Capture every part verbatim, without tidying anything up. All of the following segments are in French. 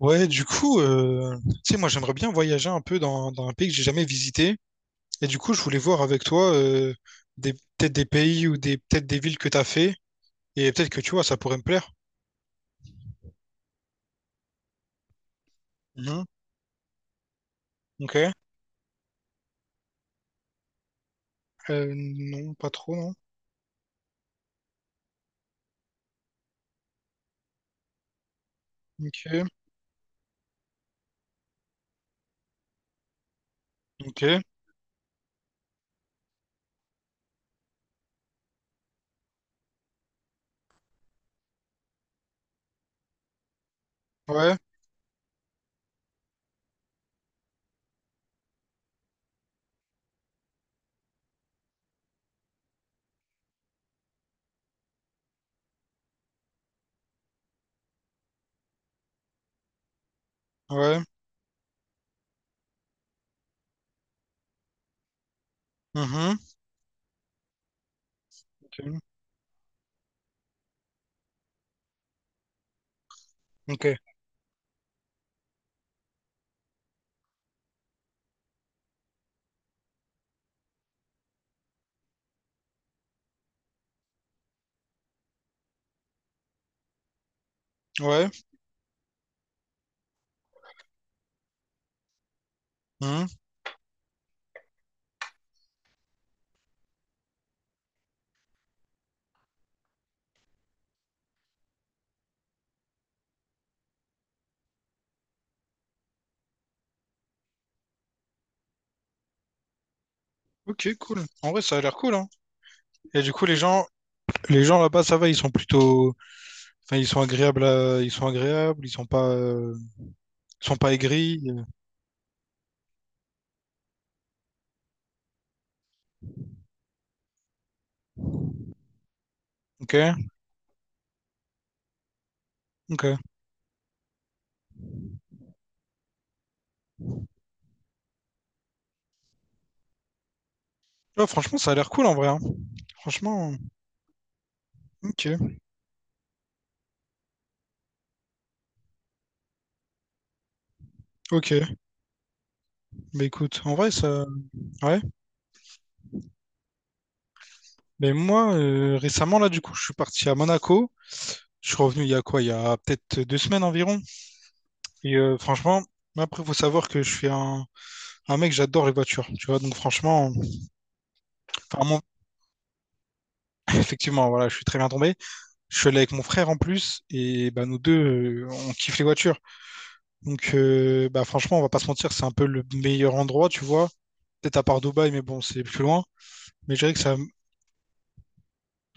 Ouais, du coup, euh, tu sais, moi j'aimerais bien voyager un peu dans, dans un pays que j'ai jamais visité. Et du coup, je voulais voir avec toi euh, des, peut-être des pays ou des peut-être des villes que t'as fait. Et peut-être que tu vois, ça pourrait me plaire. Mhm. Ok. Euh, non, pas trop, non. Ok. Ok. Ouais. Ouais. Mhm. Ok. Ok. Ouais. Mhm. Ok, cool. En vrai, ça a l'air cool, hein. Et du coup, les gens, les gens là-bas, ça va, ils sont plutôt, enfin, ils sont agréables, à- ils sont agréables, ils sont pas, euh, ils sont pas aigris. euh. Ok. Ok. Ouais, franchement, ça a l'air cool en vrai. hein. Franchement, ok, ok. Bah écoute, en vrai, ça. Ouais. Mais moi, euh, récemment, là, du coup, je suis parti à Monaco. Je suis revenu il y a quoi? Il y a peut-être deux semaines environ. Et euh, franchement, après, faut savoir que je suis un, un mec, j'adore les voitures. Tu vois, donc franchement, enfin, mon- effectivement, voilà, je suis très bien tombé. Je suis allé avec mon frère en plus. Et bah, nous deux, euh, on kiffe les voitures. Donc, euh, bah, franchement, on va pas se mentir, c'est un peu le meilleur endroit, tu vois. Peut-être à part Dubaï, mais bon, c'est plus loin. Mais je dirais que ça.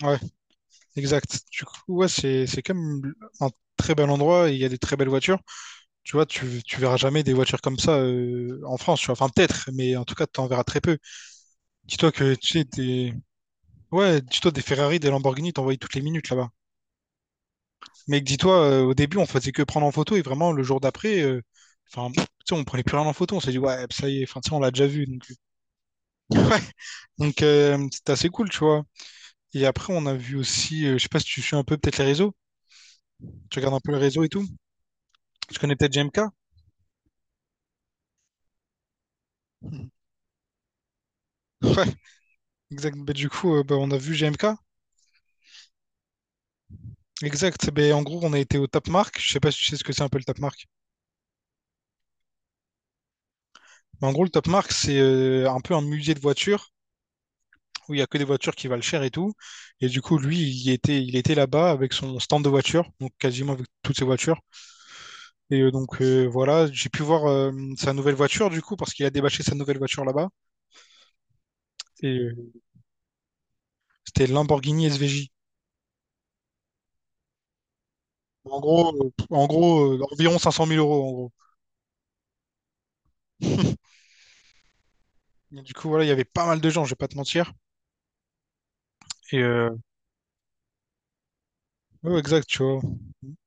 Ouais, Exact. Du coup, ouais, c'est c'est quand même un très bel endroit et il y a des très belles voitures. Tu vois, tu, tu verras jamais des voitures comme ça euh, en France, tu vois. Enfin, peut-être, mais en tout cas, tu en verras très peu. Dis-toi que tu sais, des... Ouais, dis-toi des Ferrari, des Lamborghini, t'en voyais toutes les minutes là-bas. Mais dis-toi, euh, au début, on faisait que prendre en photo et vraiment, le jour d'après, euh, enfin, tu sais, on prenait plus rien en photo. On s'est dit, ouais, ça y est, enfin, tu sais, on l'a déjà vu. Donc, ouais. Donc, euh, c'était assez cool, tu vois. Et après, on a vu aussi, euh, je sais pas si tu suis un peu peut-être les réseaux, tu regardes un peu les réseaux et tout. Tu connais peut-être J M K. Ouais, exact. Bah, du coup, euh, bah, on a vu G M K. Exact. Ben en gros, on a été au Top Mark. Je sais pas si tu sais ce que c'est un peu le Top Mark. Mais en gros, le Top Mark, c'est euh, un peu un musée de voitures où il y a que des voitures qui valent cher et tout. Et du coup, lui, il y était, il était là-bas avec son stand de voitures, donc quasiment avec toutes ses voitures. Et euh, donc euh, voilà, j'ai pu voir euh, sa nouvelle voiture du coup parce qu'il a débâché sa nouvelle voiture là-bas. Et euh, c'était Lamborghini S V J. En gros, euh, en gros, euh, environ cinq cent mille euros en gros. Et du coup, voilà, il y avait pas mal de gens, je vais pas te mentir. Et euh, Ouais, exact, tu vois.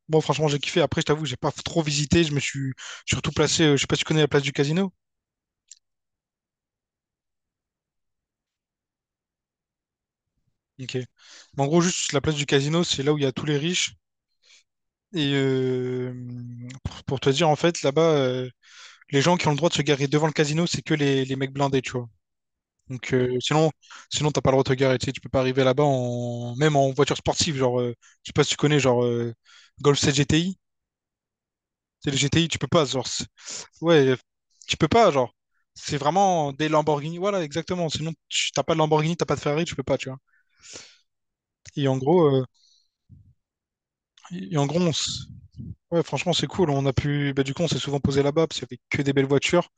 Bon, franchement, j'ai kiffé. Après, je t'avoue, j'ai pas trop visité. Je me suis surtout placé. euh, Je sais pas si tu connais la place du casino. Ok. Mais en gros, juste la place du casino, c'est là où il y a tous les riches. Et euh, pour, pour te dire, en fait, là-bas, euh, les gens qui ont le droit de se garer devant le casino, c'est que les, les mecs blindés, tu vois. Donc, euh, sinon, sinon, t'as pas le droit de te garer. Tu sais, tu peux pas arriver là-bas en, même en voiture sportive. Genre, euh, je sais pas si tu connais, genre, euh, Golf CGTI. Tu sais, les G T I, tu peux pas. Genre, Ouais, euh, tu peux pas, genre. C'est vraiment des Lamborghini. Voilà, exactement. Sinon, tu t'as pas de Lamborghini, t'as pas de Ferrari, tu peux pas, tu vois. Et en gros, euh, et en gros, on s- ouais, franchement, c'est cool. On a pu, bah, du coup, on s'est souvent posé là-bas parce qu'il y avait que des belles voitures.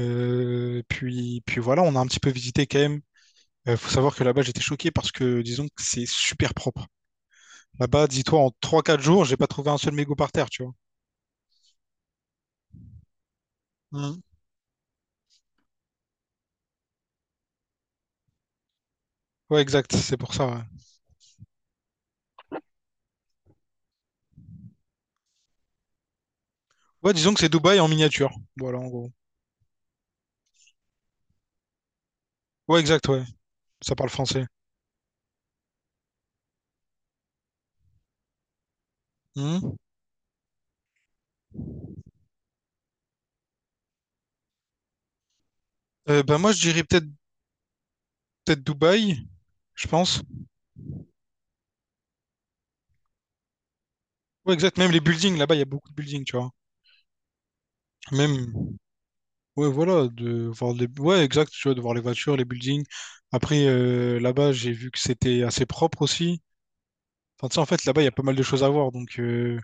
Euh, puis, puis voilà, on a un petit peu visité quand même. Euh, faut savoir que là-bas, j'étais choqué parce que, disons que c'est super propre. Là-bas, dis-toi, en trois quatre jours, j'ai pas trouvé un seul mégot par terre, tu vois. Mhm. Ouais, exact. C'est pour ça. Ouais. Ouais, disons que c'est Dubaï en miniature. Voilà, en gros. Ouais, exact, ouais. Ça parle français. Mhm. Euh, bah, moi, je dirais peut-être peut-être Dubaï, je pense. Ouais, exact. Même les buildings, là-bas, il y a beaucoup de buildings, tu vois. Même, ouais, voilà, de voir les... Ouais, exact, tu vois, de voir les voitures, les buildings. Après, euh, là-bas, j'ai vu que c'était assez propre aussi. Enfin, tu sais, en fait, là-bas, il y a pas mal de choses à voir. Donc, euh,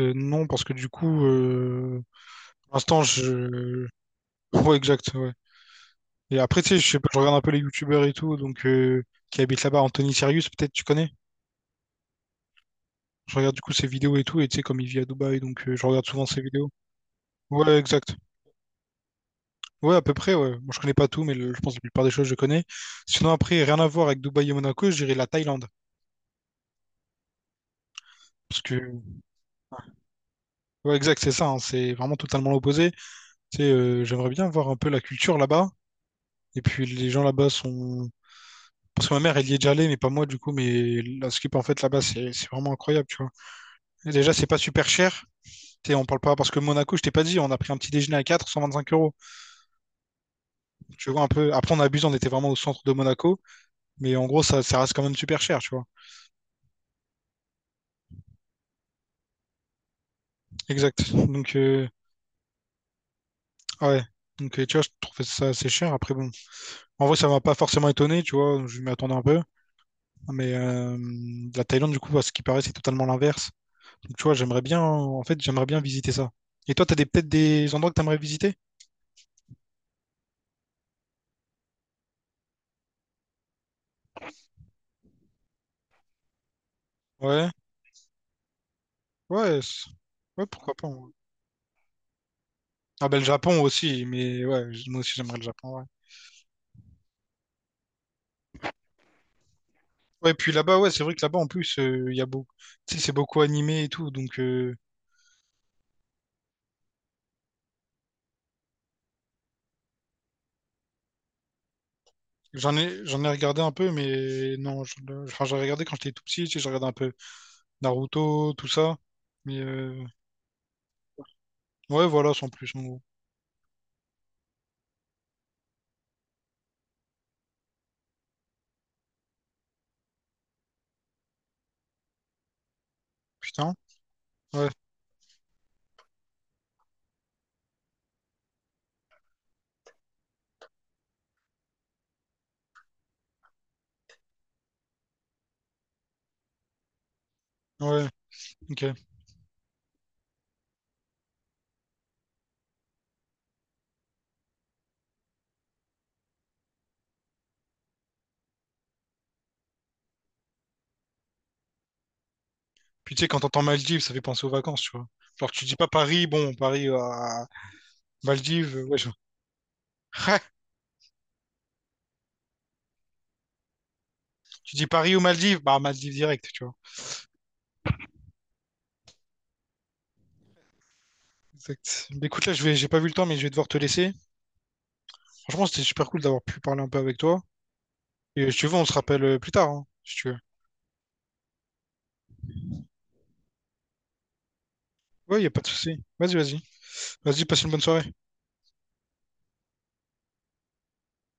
euh, non, parce que du coup, euh, pour l'instant, je... Ouais, exact, ouais. Et après, tu sais, je, sais pas, je regarde un peu les youtubeurs et tout, donc, euh, qui habitent là-bas. Anthony Sirius, peut-être, tu connais? Je regarde du coup ses vidéos et tout, et tu sais, comme il vit à Dubaï, donc euh, je regarde souvent ses vidéos. Ouais, exact. Ouais, à peu près, ouais. Moi, je connais pas tout, mais le- je pense que la plupart des choses, je connais. Sinon, après, rien à voir avec Dubaï et Monaco, je dirais la Thaïlande. Parce que, ouais, exact, c'est ça, hein, c'est vraiment totalement l'opposé. Tu sais, euh, j'aimerais bien voir un peu la culture là-bas. Et puis, les gens là-bas sont. Parce que ma mère, elle y est déjà allée, mais pas moi, du coup. Mais la skip, en fait, là-bas, c'est c'est vraiment incroyable, tu vois. Et déjà, c'est pas super cher. Tu sais, on parle pas. Parce que Monaco, je t'ai pas dit, on a pris un petit déjeuner à quatre cent vingt-cinq euros. Tu vois, un peu. Après, on abuse, on était vraiment au centre de Monaco. Mais en gros, ça, ça reste quand même super cher, tu vois. Exact. Donc, euh, Ah Ouais. Donc, et tu vois, je trouvais ça assez cher. Après, bon, en vrai, ça m'a pas forcément étonné, tu vois, je m'y attendais un peu. Mais euh, la Thaïlande, du coup, à ce qui paraît, c'est totalement l'inverse. Donc, tu vois, j'aimerais bien, en fait, j'aimerais bien visiter ça. Et toi, t'as des, peut-être des endroits que t'aimerais visiter? Ouais, ouais, c- ouais, pourquoi pas. ouais. Ah, ben, le Japon aussi, mais ouais, j- moi aussi, j'aimerais le Japon, ouais. Ouais, puis là-bas, ouais, c'est vrai que là-bas, en plus, euh, il y a beaucoup, tu sais, c'est beaucoup animé et tout, donc euh, j'en ai, j'en ai regardé un peu, mais non, je- enfin, j'ai regardé quand j'étais tout petit, tu sais, j'ai regardé un peu. Naruto, tout ça. Mais euh, ouais, voilà, sans plus, en gros. Putain. Ouais, ouais, ok. Puis tu sais, quand t'entends Maldives, ça fait penser aux vacances, tu vois. Genre, tu dis pas Paris, bon, Paris à Maldives, euh, ouais, je... Tu dis Paris ou Maldives, bah Maldives direct, tu vois. Exact. Mais écoute, là, je vais, j'ai pas vu le temps, mais je vais devoir te laisser. Franchement, c'était super cool d'avoir pu parler un peu avec toi. Et si tu veux, on se rappelle euh, plus tard, hein, si tu veux. Ouais, y a pas de souci. Vas-y, vas-y. Vas-y, passe une bonne soirée.